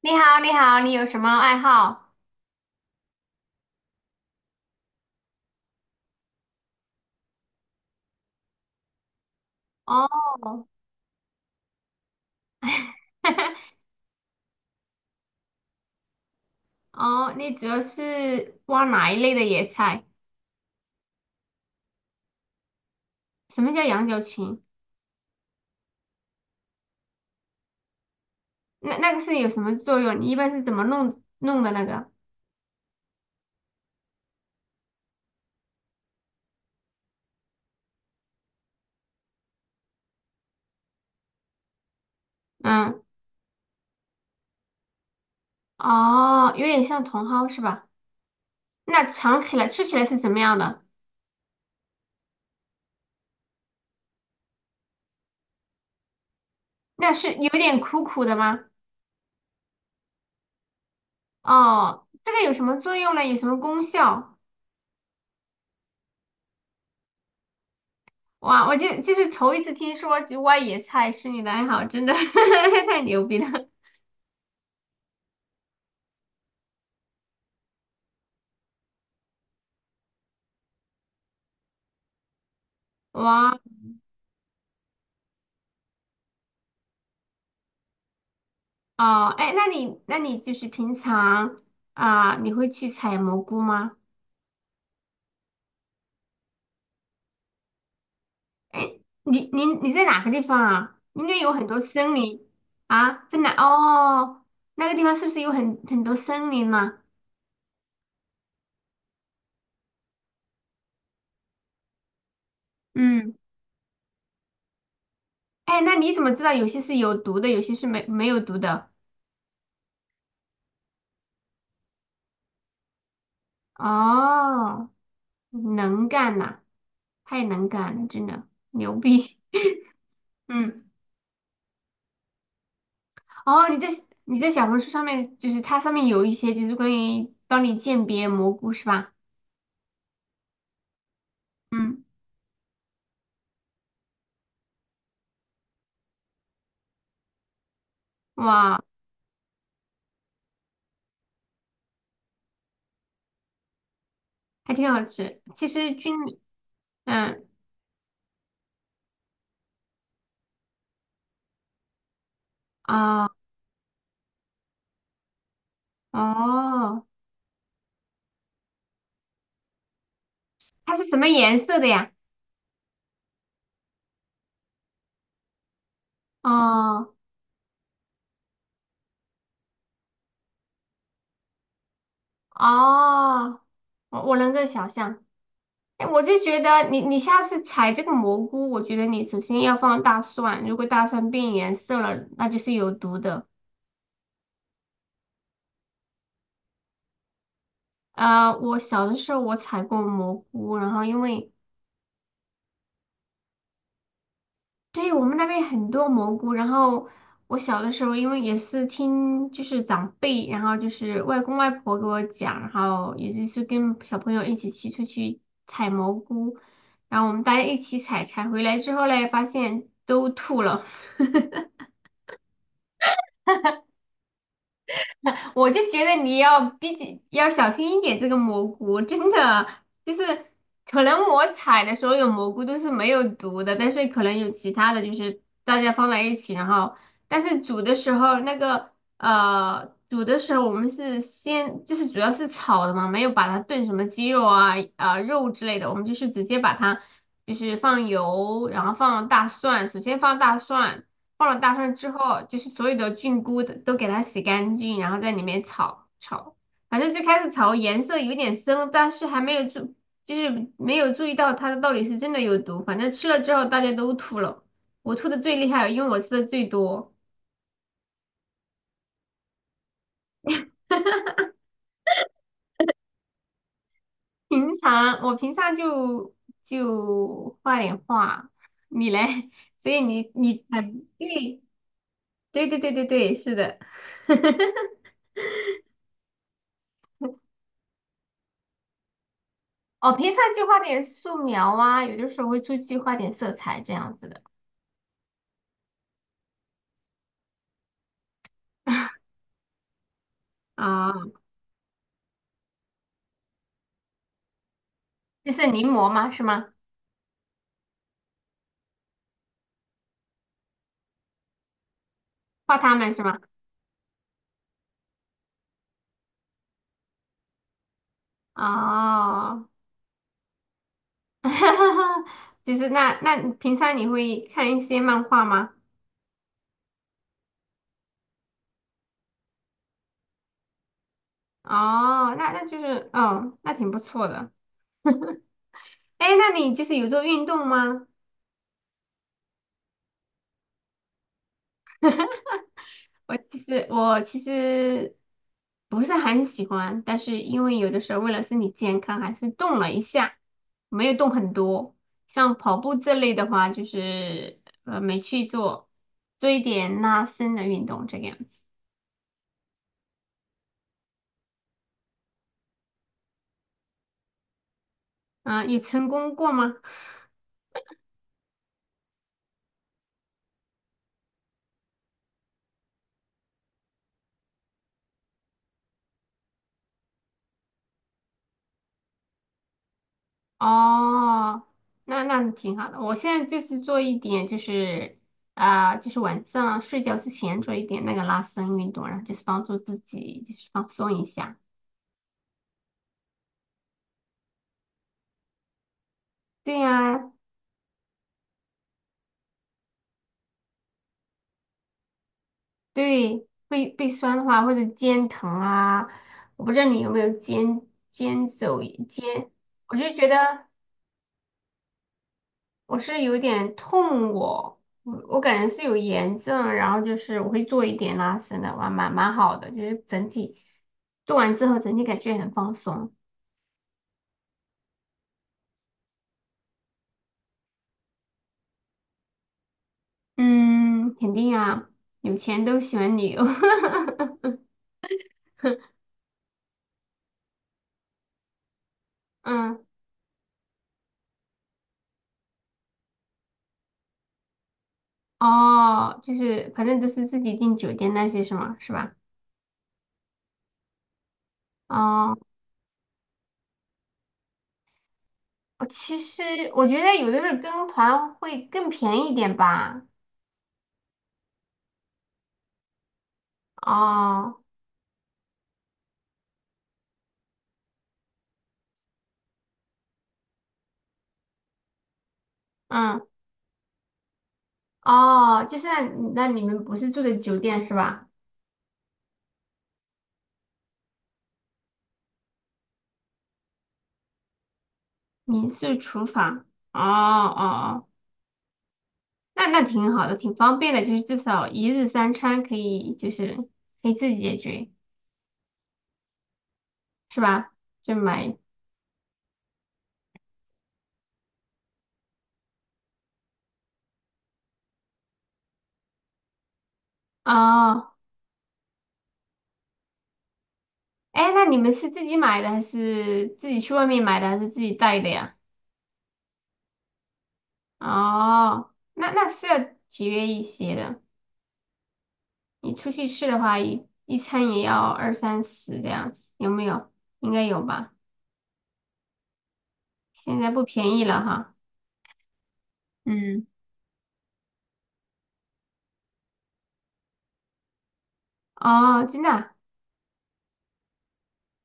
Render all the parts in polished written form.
你好，你好，你有什么爱好？哦。哦，你主要是挖哪一类的野菜？什么叫羊角芹？那个是有什么作用？你一般是怎么弄的那个？嗯。哦，有点像茼蒿是吧？那尝起来吃起来是怎么样的？那是有点苦苦的吗？哦，这个有什么作用呢？有什么功效？哇，我这是头一次听说就挖野菜是你的爱好，真的 太牛逼了！哇。哦，哎，那你就是平常，啊，你会去采蘑菇吗？哎，你在哪个地方啊？应该有很多森林。啊，在哪？哦，那个地方是不是有很多森林呢？嗯。哎，那你怎么知道有些是有毒的，有些是没有毒的？哦，能干呐、太能干了，真的牛逼。嗯。哦，你在小红书上面，就是它上面有一些就是关于帮你鉴别蘑菇是吧？嗯。哇，还挺好吃。其实菌。嗯。啊、哦，它是什么颜色的呀？哦。哦，我能够想象。哎，我就觉得你下次采这个蘑菇，我觉得你首先要放大蒜，如果大蒜变颜色了，那就是有毒的。啊，我小的时候我采过蘑菇，然后因为对，我们那边很多蘑菇，然后我小的时候，因为也是听就是长辈，然后就是外公外婆给我讲，然后也就是跟小朋友一起去出去采蘑菇，然后我们大家一起采，采回来之后嘞，发现都吐了。我就觉得你要比较要小心一点这个蘑菇，真的就是可能我采的所有蘑菇都是没有毒的，但是可能有其他的，就是大家放在一起，然后但是煮的时候那个煮的时候我们是先就是主要是炒的嘛，没有把它炖什么鸡肉啊、肉之类的，我们就是直接把它就是放油，然后放大蒜，首先放大蒜。放了大蒜之后，就是所有的菌菇的都给它洗干净，然后在里面炒炒，反正最开始炒颜色有点深，但是还没有注，就是没有注意到它到底是真的有毒。反正吃了之后大家都吐了，我吐的最厉害，因为我吃的最多。我平常就就画点画，你嘞？所以你很对对，是的。哦，平常就画点素描啊，有的时候会出去画点色彩这样子的。啊，就是临摹嘛，是吗？画他们是吗？哦。就是那那你平常你会看一些漫画吗？哦，那那就是哦，那挺不错的。哎，那你就是有做运动吗？我其实不是很喜欢，但是因为有的时候为了身体健康，还是动了一下，没有动很多。像跑步这类的话，就是没去做，做一点拉伸的运动这个样子。啊，有成功过吗？哦，那那挺好的。我现在就是做一点，就是啊、就是晚上睡觉之前做一点那个拉伸运动，然后就是帮助自己就是放松一下。对呀、对，背背酸的话，或者肩疼啊，我不知道你有没有肩肩走肩，我就觉得我是有点痛我，我感觉是有炎症，然后就是我会做一点拉伸的，哇，蛮蛮好的，就是整体做完之后整体感觉很放松。嗯，肯定啊，有钱都喜欢旅游。嗯。哦，就是反正都是自己订酒店那些是吗？是吧？哦。我其实我觉得有的时候跟团会更便宜一点吧。哦。嗯。哦，就是那那你们不是住的酒店是吧？民宿厨房。哦，那那挺好的，挺方便的，就是至少一日三餐可以，就是可以自己解决，是吧？就买。哦，哎，那你们是自己买的还是自己去外面买的还是自己带的呀？哦，那那是要节约一些的。你出去吃的话，一餐也要二三十这样子，有没有？应该有吧？现在不便宜了哈。嗯。哦，真的啊。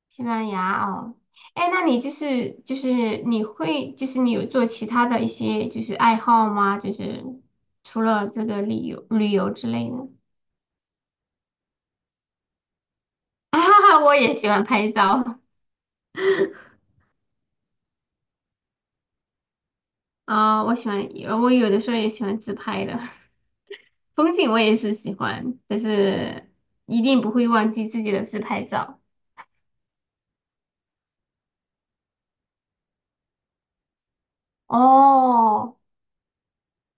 西班牙哦。哎，那你就是就是你会就是你有做其他的一些就是爱好吗？就是除了这个旅游之类的。啊，我也喜欢拍照。啊，我喜欢我有的时候也喜欢自拍的。风景我也是喜欢，但是一定不会忘记自己的自拍照。哦，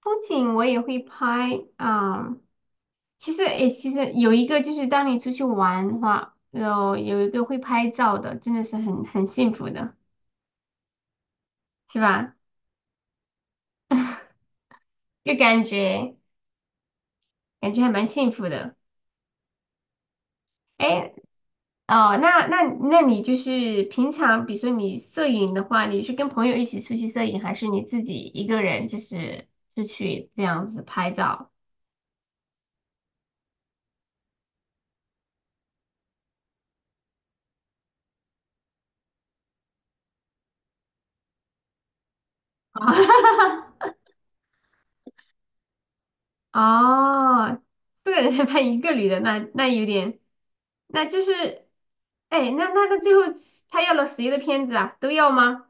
风景我也会拍啊、其实，诶，其实有一个就是当你出去玩的话，有一个会拍照的，真的是很幸福的，是吧？就感觉还蛮幸福的。诶。哦，那你就是平常，比如说你摄影的话，你是跟朋友一起出去摄影，还是你自己一个人就是出去这样子拍照？啊。哦，四个人 还拍一个女的，那那有点，那就是，哎，那最后他要了谁的片子啊？都要吗？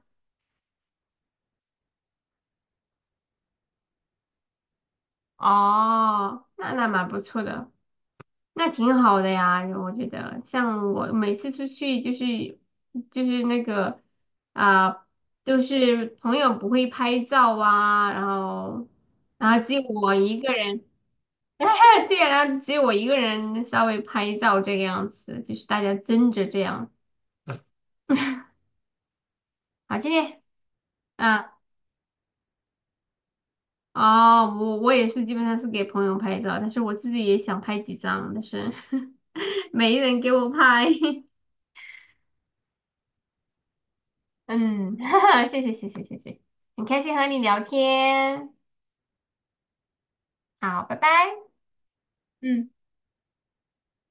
哦，那那蛮不错的，那挺好的呀，我觉得。像我每次出去就是就是那个啊、就是朋友不会拍照啊，然后然后只有我一个人。对，然后只有我一个人稍微拍照这个样子，就是大家争着这样。好，今天啊，哦，我我也是基本上是给朋友拍照，但是我自己也想拍几张，但是 没人给我拍。嗯。谢谢谢谢谢谢，很开心和你聊天，好，拜拜。嗯。